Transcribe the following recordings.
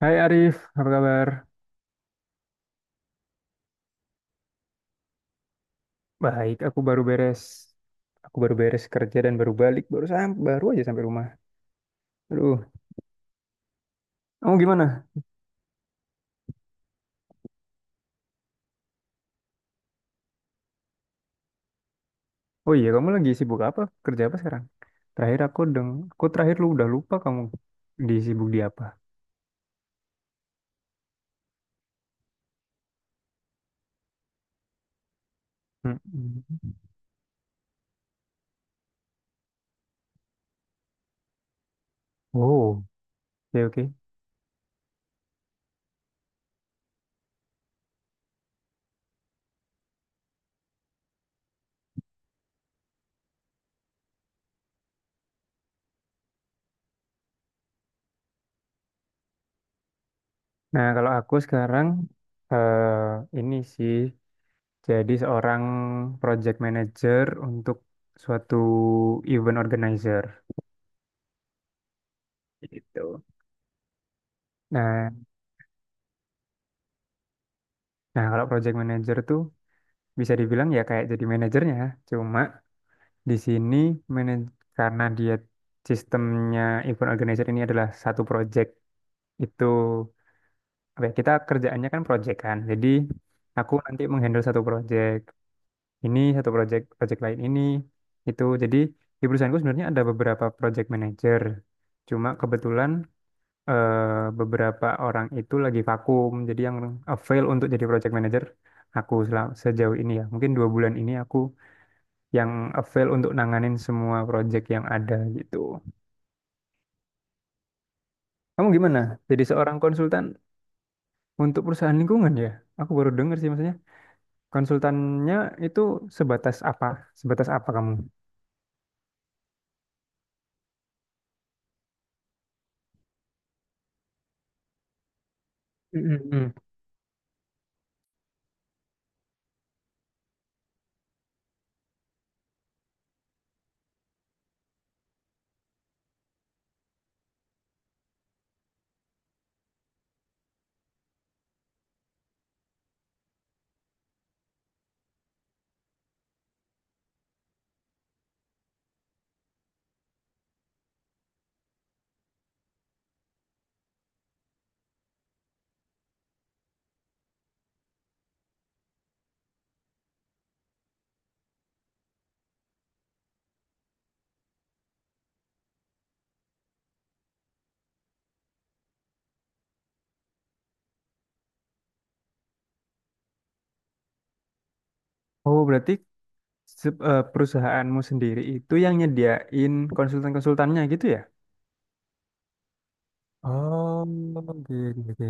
Hai Arif, apa kabar? Baik, aku baru beres. Aku baru beres kerja dan baru balik, baru aja sampai rumah. Aduh, kamu gimana? Oh iya, kamu lagi sibuk apa? Kerja apa sekarang? Aku terakhir udah lupa kamu di sibuk di apa? Mm-mm. Oh, oke oke. Nah, kalau aku sekarang eh ini sih jadi seorang project manager untuk suatu event organizer gitu. Nah, nah, kalau project manager tuh bisa dibilang ya kayak jadi manajernya. Cuma di sini manaj- karena dia sistemnya event organizer ini adalah satu project itu apa ya, kita kerjaannya kan project kan. Jadi aku nanti menghandle satu project ini, satu project project lain ini itu. Jadi di perusahaanku sebenarnya ada beberapa project manager. Cuma kebetulan beberapa orang itu lagi vakum. Jadi yang avail untuk jadi project manager aku sejauh ini ya. Mungkin dua bulan ini aku yang avail untuk nanganin semua project yang ada gitu. Kamu gimana? Jadi seorang konsultan untuk perusahaan lingkungan ya? Aku baru dengar sih maksudnya. Konsultannya itu sebatas apa? Sebatas apa kamu? Mm-mm. Oh, berarti perusahaanmu sendiri itu yang nyediain konsultan-konsultannya gitu ya? Oh, gitu. Gitu.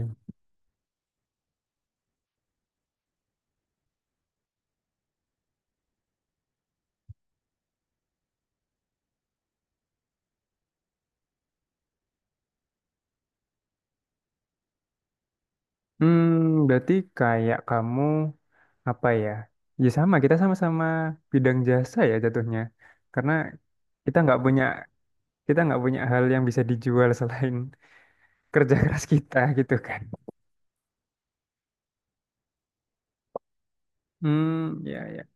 Hmm, berarti kayak kamu apa ya? Ya sama, kita sama-sama bidang jasa ya jatuhnya. Karena kita nggak punya kita nggak punya hal yang bisa dijual selain kerja keras kita gitu kan. Hmm, ya ya.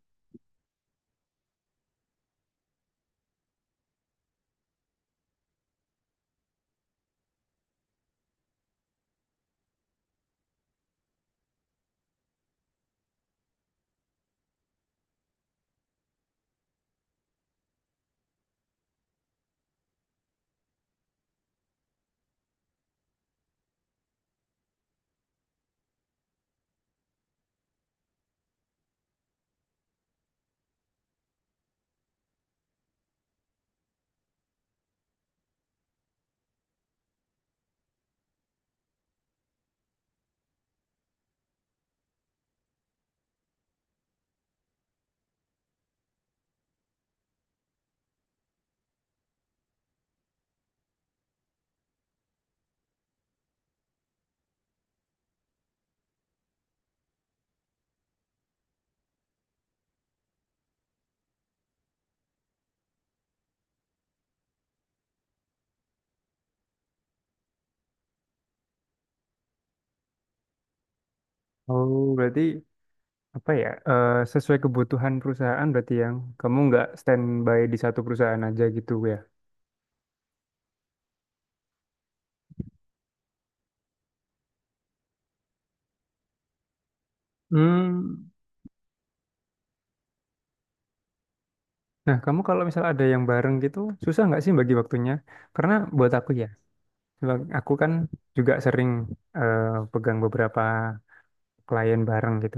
Oh, berarti apa ya? Sesuai kebutuhan perusahaan berarti yang kamu nggak standby di satu perusahaan aja gitu ya. Hmm. Nah, kamu kalau misal ada yang bareng gitu, susah nggak sih bagi waktunya? Karena buat aku ya, sebab aku kan juga sering eh, pegang beberapa klien bareng gitu.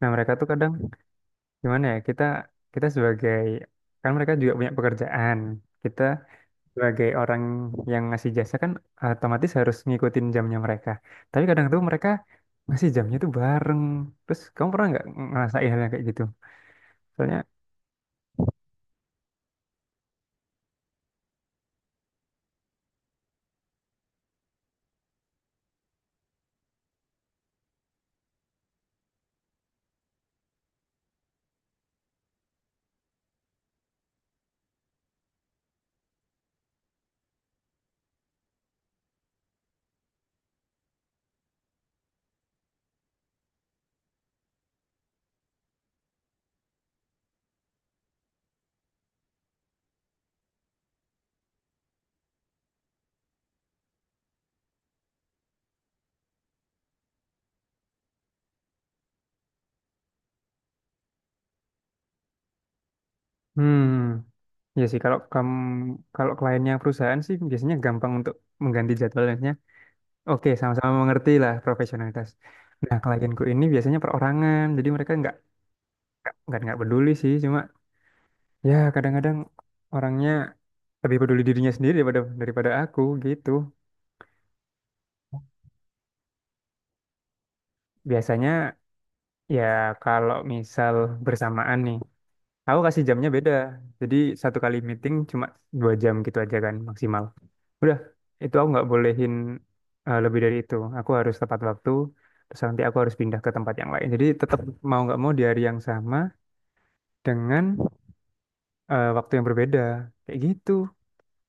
Nah, mereka tuh kadang gimana ya? Kita kita sebagai kan mereka juga punya pekerjaan. Kita sebagai orang yang ngasih jasa kan otomatis harus ngikutin jamnya mereka. Tapi kadang tuh mereka ngasih jamnya tuh bareng. Terus kamu pernah nggak ngerasain hal yang kayak gitu? Soalnya, hmm, ya sih kalau kamu kalau kliennya perusahaan sih biasanya gampang untuk mengganti jadwalnya. Oke, sama-sama mengerti lah profesionalitas. Nah, klienku ini biasanya perorangan, jadi mereka nggak peduli sih, cuma ya kadang-kadang orangnya lebih peduli dirinya sendiri daripada daripada aku gitu biasanya. Ya, kalau misal bersamaan nih, aku kasih jamnya beda. Jadi satu kali meeting cuma dua jam gitu aja kan maksimal. Udah, itu aku nggak bolehin lebih dari itu. Aku harus tepat waktu, terus nanti aku harus pindah ke tempat yang lain. Jadi tetap mau nggak mau di hari yang sama dengan waktu yang berbeda. Kayak gitu.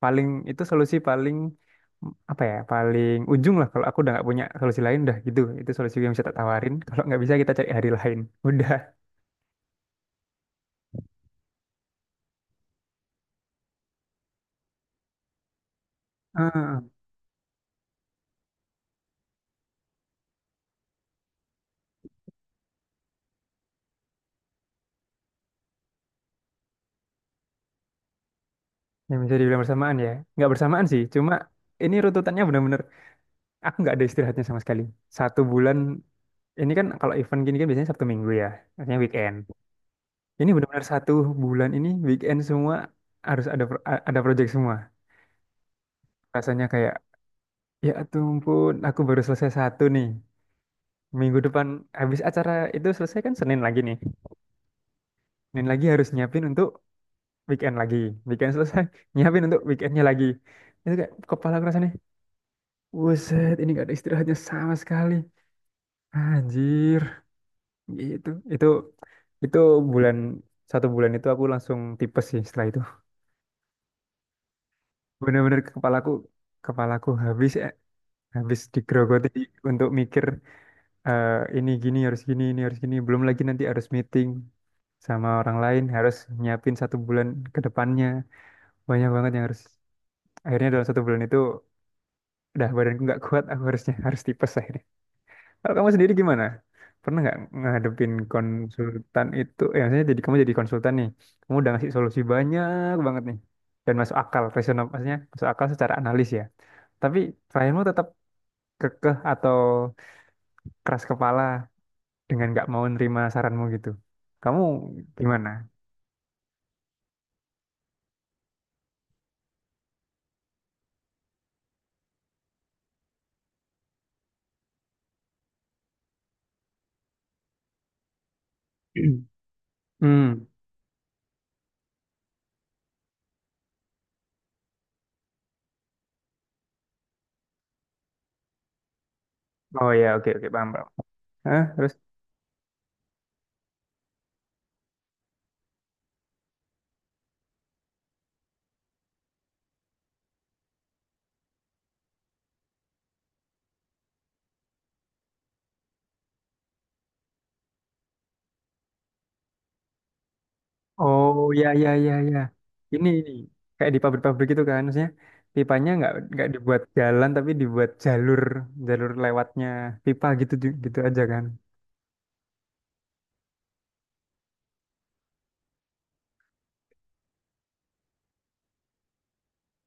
Paling itu solusi paling apa ya? Paling ujung lah kalau aku udah nggak punya solusi lain udah gitu. Itu solusi yang bisa tak tawarin. Kalau nggak bisa kita cari hari lain. Udah. Yang bisa dibilang bersamaan ya. Nggak bersamaan sih, cuma ini runtutannya benar-benar aku nggak ada istirahatnya sama sekali. Satu bulan ini kan kalau event gini kan biasanya Sabtu Minggu ya, artinya weekend. Ini benar-benar satu bulan ini weekend semua harus ada ada project semua. Rasanya kayak ya ampun, aku baru selesai satu nih. Minggu depan habis acara itu selesai kan Senin lagi nih. Senin lagi harus nyiapin untuk weekend lagi. Weekend selesai, nyiapin untuk weekendnya lagi. Itu kayak kepala aku rasanya, wuset ini gak ada istirahatnya sama sekali. Anjir, itu itu itu bulan satu bulan itu aku langsung tipes sih setelah itu. Bener-bener kepalaku kepalaku habis habis digerogoti untuk mikir eh, ini gini harus gini ini harus gini. Belum lagi nanti harus meeting sama orang lain harus nyiapin satu bulan ke depannya. Banyak banget yang harus. Akhirnya dalam satu bulan itu udah badanku nggak kuat aku harusnya harus tipes akhirnya. Kalau kamu sendiri gimana? Pernah nggak ngadepin konsultan itu? Ya, maksudnya jadi kamu jadi konsultan nih. Kamu udah ngasih solusi banyak banget nih. Dan masuk akal, rasional, maksudnya masuk akal secara analis ya. Tapi klienmu tetap kekeh atau keras kepala dengan nggak mau nerima saranmu gitu. Kamu gimana? Hmm. Oh ya, oke oke paham, paham. Hah, terus? Oh ya ya ya ya. Ini kayak di pabrik-pabrik itu kan, maksudnya pipanya nggak dibuat jalan tapi dibuat jalur jalur lewatnya pipa gitu aja kan.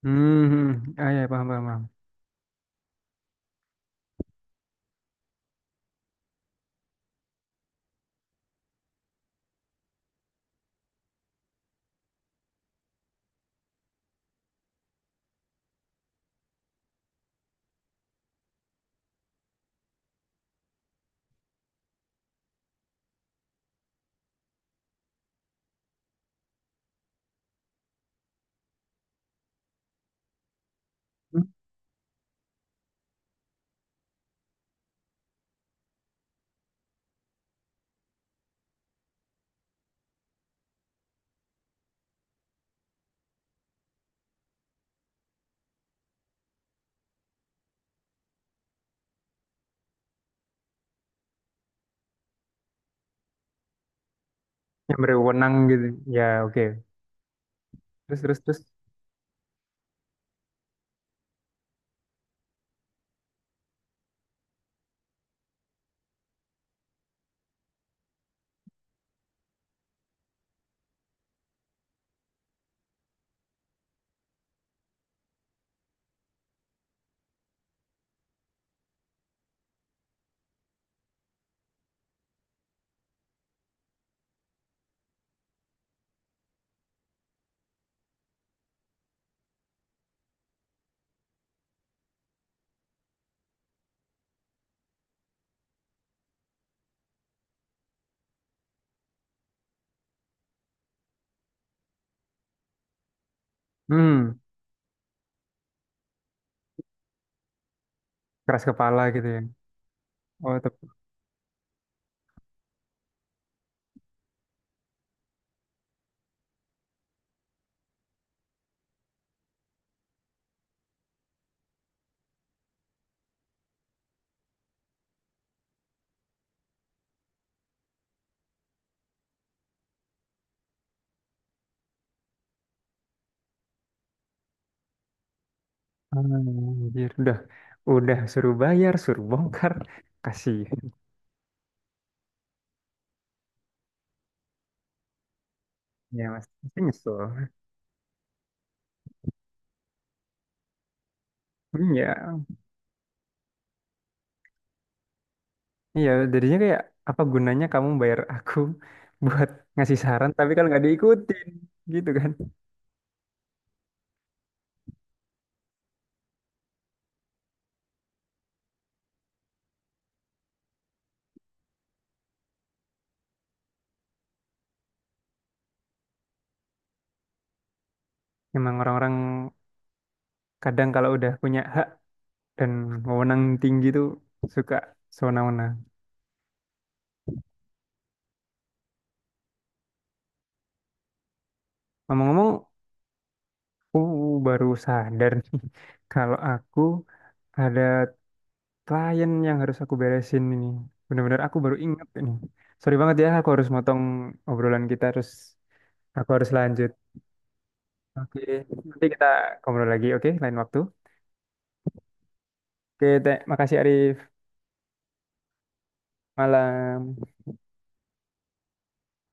Hmm, hmm. Ah ya paham paham. Paham. Hmm, yang berwenang gitu. Ya oke. Terus terus terus. Hmm, keras kepala gitu ya. Oh tapi hmm, anjir. Udah suruh bayar suruh bongkar kasih. Ya mas, pasti nyesel. Hmm, ya. Iya, jadinya kayak apa gunanya kamu bayar aku buat ngasih saran, tapi kalau nggak diikutin, gitu kan? Emang orang-orang kadang kalau udah punya hak dan wewenang tinggi tuh suka sewenang-wenang. Ngomong-ngomong, aku baru sadar nih kalau aku ada klien yang harus aku beresin ini. Bener-bener aku baru ingat ini. Sorry banget ya, aku harus motong obrolan kita, terus aku harus lanjut. Oke, nanti kita ngobrol lagi, oke? Lain waktu. Oke, makasih Arif. Malam.